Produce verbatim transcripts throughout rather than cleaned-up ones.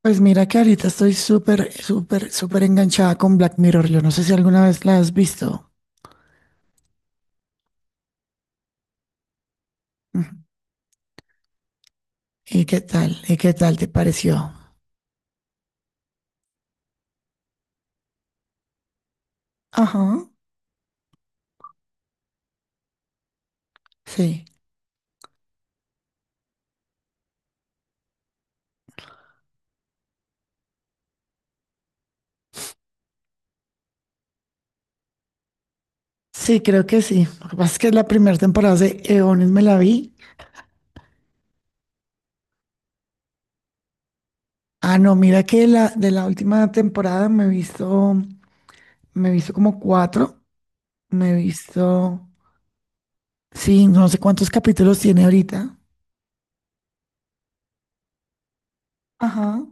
Pues mira que ahorita estoy súper, súper, súper enganchada con Black Mirror. Yo no sé si alguna vez la has visto. Ujú. ¿Y qué tal? ¿Y qué tal te pareció? Ajá. Sí. Sí, creo que sí. Lo que pasa es que la primera temporada de Eones me la vi. Ah, no, mira que la, de la última temporada me he visto, me he visto como cuatro. Me he visto, sí, no sé cuántos capítulos tiene ahorita. Ajá.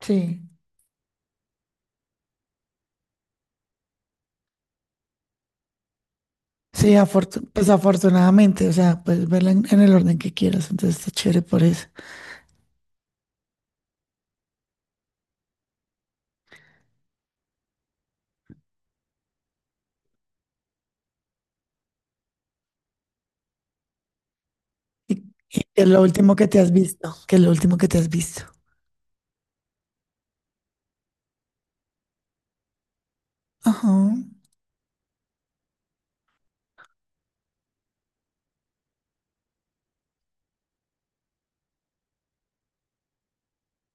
Sí. Sí, afortu- pues afortunadamente, o sea, puedes verla en, en el orden que quieras, entonces está chévere por eso. Y qué es lo último que te has visto, que es lo último que te has visto. Ajá,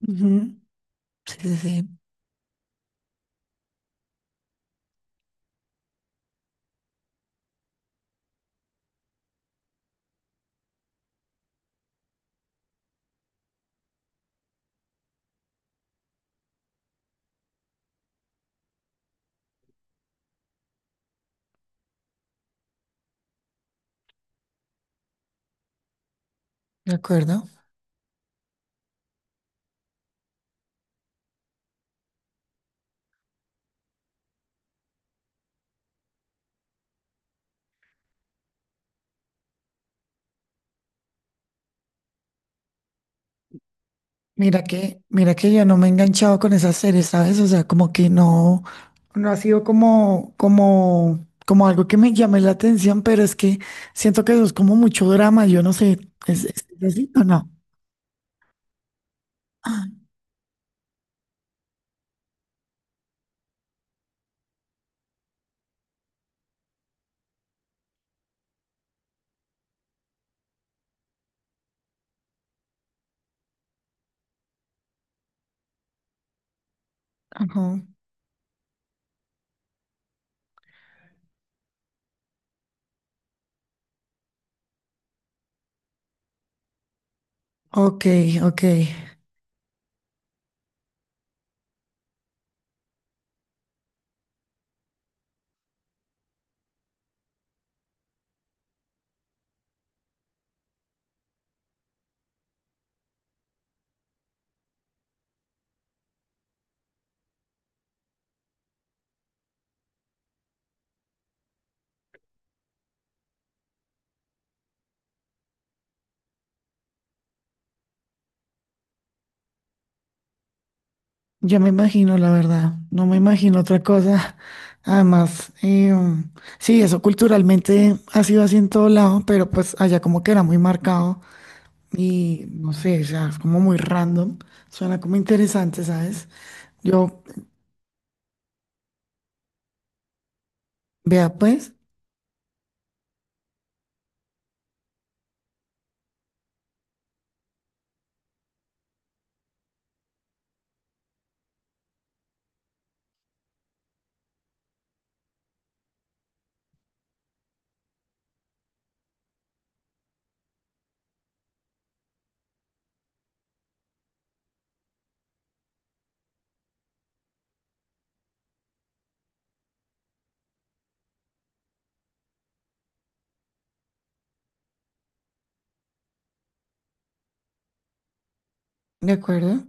ujú, sí, sí, sí, de acuerdo. Mira que, mira que yo no me he enganchado con esas series, ¿sabes? O sea, como que no, no ha sido como, como, como algo que me llame la atención, pero es que siento que eso es como mucho drama, yo no sé, ¿es, es así o no? Ah, ajá, ok, ok. Yo me imagino, la verdad, no me imagino otra cosa. Además, em, sí, eso culturalmente ha sido así en todo lado, pero pues allá como que era muy marcado y no sé, o sea, es como muy random. Suena como interesante, ¿sabes? Yo, vea pues, ¿de acuerdo?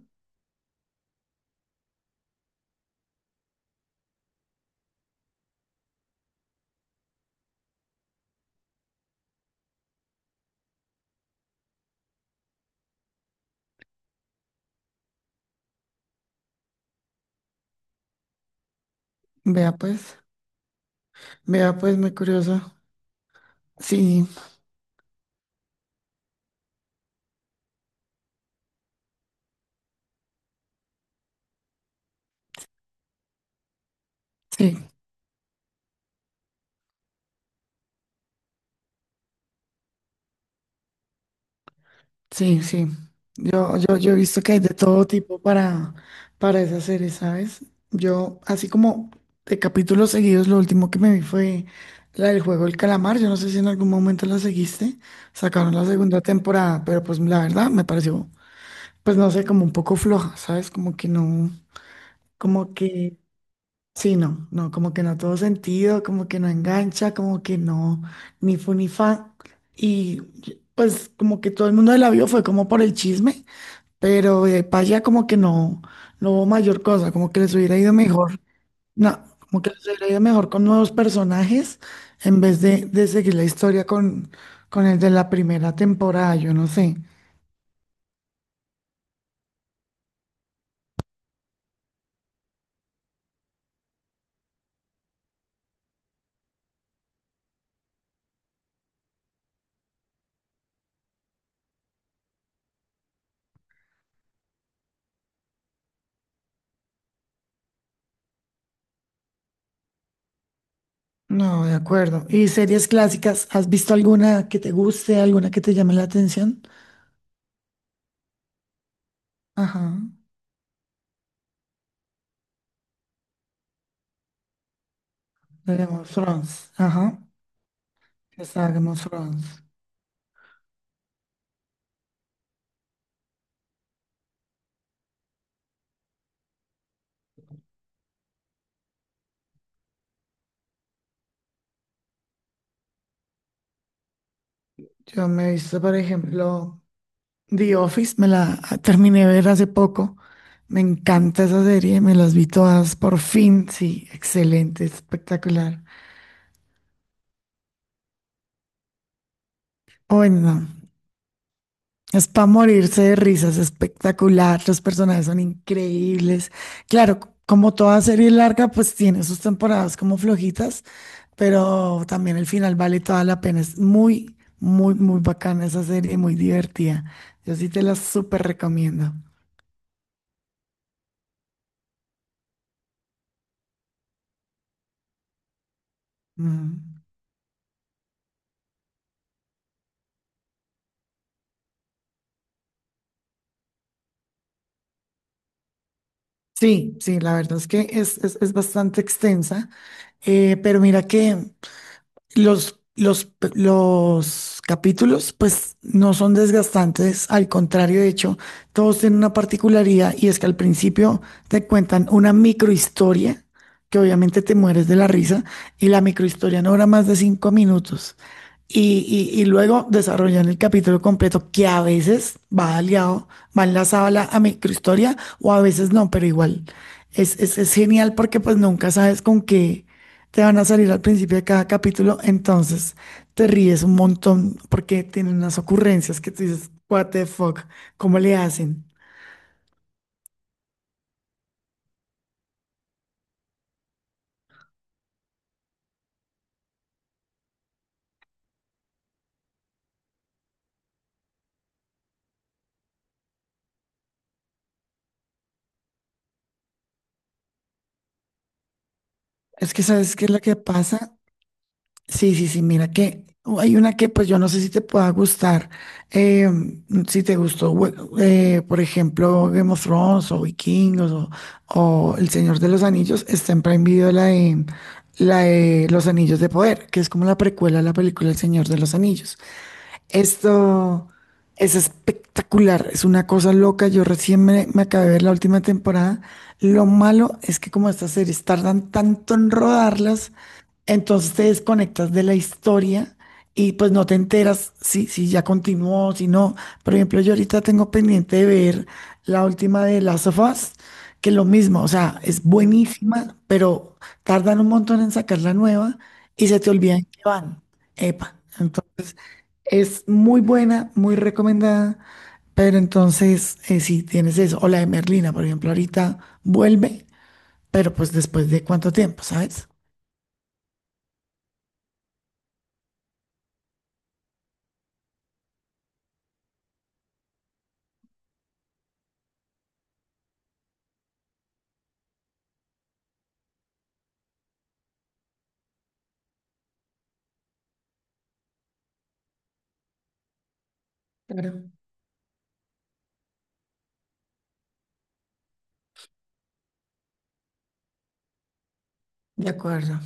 Vea pues, vea pues, muy curioso. Sí, sí. Sí, sí. Yo, yo, yo he visto que hay de todo tipo para, para esas series, ¿sabes? Yo, así como de capítulos seguidos, lo último que me vi fue la del juego El Calamar. Yo no sé si en algún momento la seguiste. Sacaron la segunda temporada, pero pues la verdad me pareció, pues no sé, como un poco floja, ¿sabes? Como que no, como que, sí, no, no, como que no todo sentido, como que no engancha, como que no, ni fu ni fa. Y pues como que todo el mundo la vio fue como por el chisme, pero eh, para allá como que no, no hubo mayor cosa, como que les hubiera ido mejor, no, como que les hubiera ido mejor con nuevos personajes en vez de, de seguir la historia con, con el de la primera temporada, yo no sé. No, de acuerdo. ¿Y series clásicas? ¿Has visto alguna que te guste, alguna que te llame la atención? Ajá, de Game of Thrones. Ajá, está Game of Thrones. Yo me he visto, por ejemplo, The Office, me la terminé de ver hace poco. Me encanta esa serie, me las vi todas por fin. Sí, excelente, espectacular. Bueno, es para morirse de risas, espectacular. Los personajes son increíbles. Claro, c- como toda serie larga, pues tiene sus temporadas como flojitas, pero también el final vale toda la pena. Es muy, muy, muy bacana esa serie, muy divertida. Yo sí te la súper recomiendo. Mm. Sí, sí, la verdad es que es, es, es bastante extensa, eh, pero mira que, los, los, los capítulos, pues, no son desgastantes, al contrario, de hecho, todos tienen una particularidad y es que al principio te cuentan una microhistoria, que obviamente te mueres de la risa, y la microhistoria no dura más de cinco minutos. Y, y- y luego desarrollan el capítulo completo, que a veces va aliado, va enlazado a la a microhistoria, o a veces no, pero igual es, es, es genial porque pues nunca sabes con qué te van a salir al principio de cada capítulo, entonces te ríes un montón porque tienen unas ocurrencias que tú dices, what the fuck, ¿cómo le hacen? Es que sabes qué es lo que pasa. Sí, sí, sí, mira que hay una que pues yo no sé si te pueda gustar, eh, si te gustó, we- eh, por ejemplo, Game of Thrones o Vikingos o, o El Señor de los Anillos, está en Prime Video la de, la de Los Anillos de Poder, que es como la precuela a la película El Señor de los Anillos. Esto es espectacular, es una cosa loca. Yo recién me, me acabé de ver la última temporada. Lo malo es que como estas series tardan tanto en rodarlas, entonces te desconectas de la historia y pues no te enteras si, si ya continuó, si no. Por ejemplo, yo ahorita tengo pendiente de ver la última de Last of Us, que lo mismo, o sea, es buenísima, pero tardan un montón en sacar la nueva y se te olvidan que van. Epa. Entonces, es muy buena, muy recomendada, pero entonces eh, sí tienes eso. O la de Merlina, por ejemplo, ahorita vuelve, pero pues después de cuánto tiempo, ¿sabes? Claro, de acuerdo.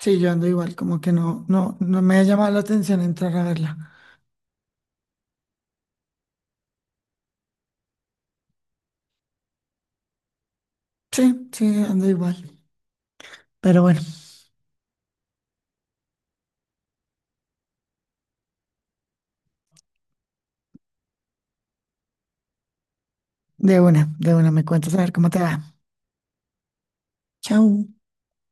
Sí, yo ando igual, como que no, no, no me ha llamado la atención entrar a verla. Sí, sí, ando igual. Pero bueno, de una, de una me cuentas a ver cómo te va. Chao.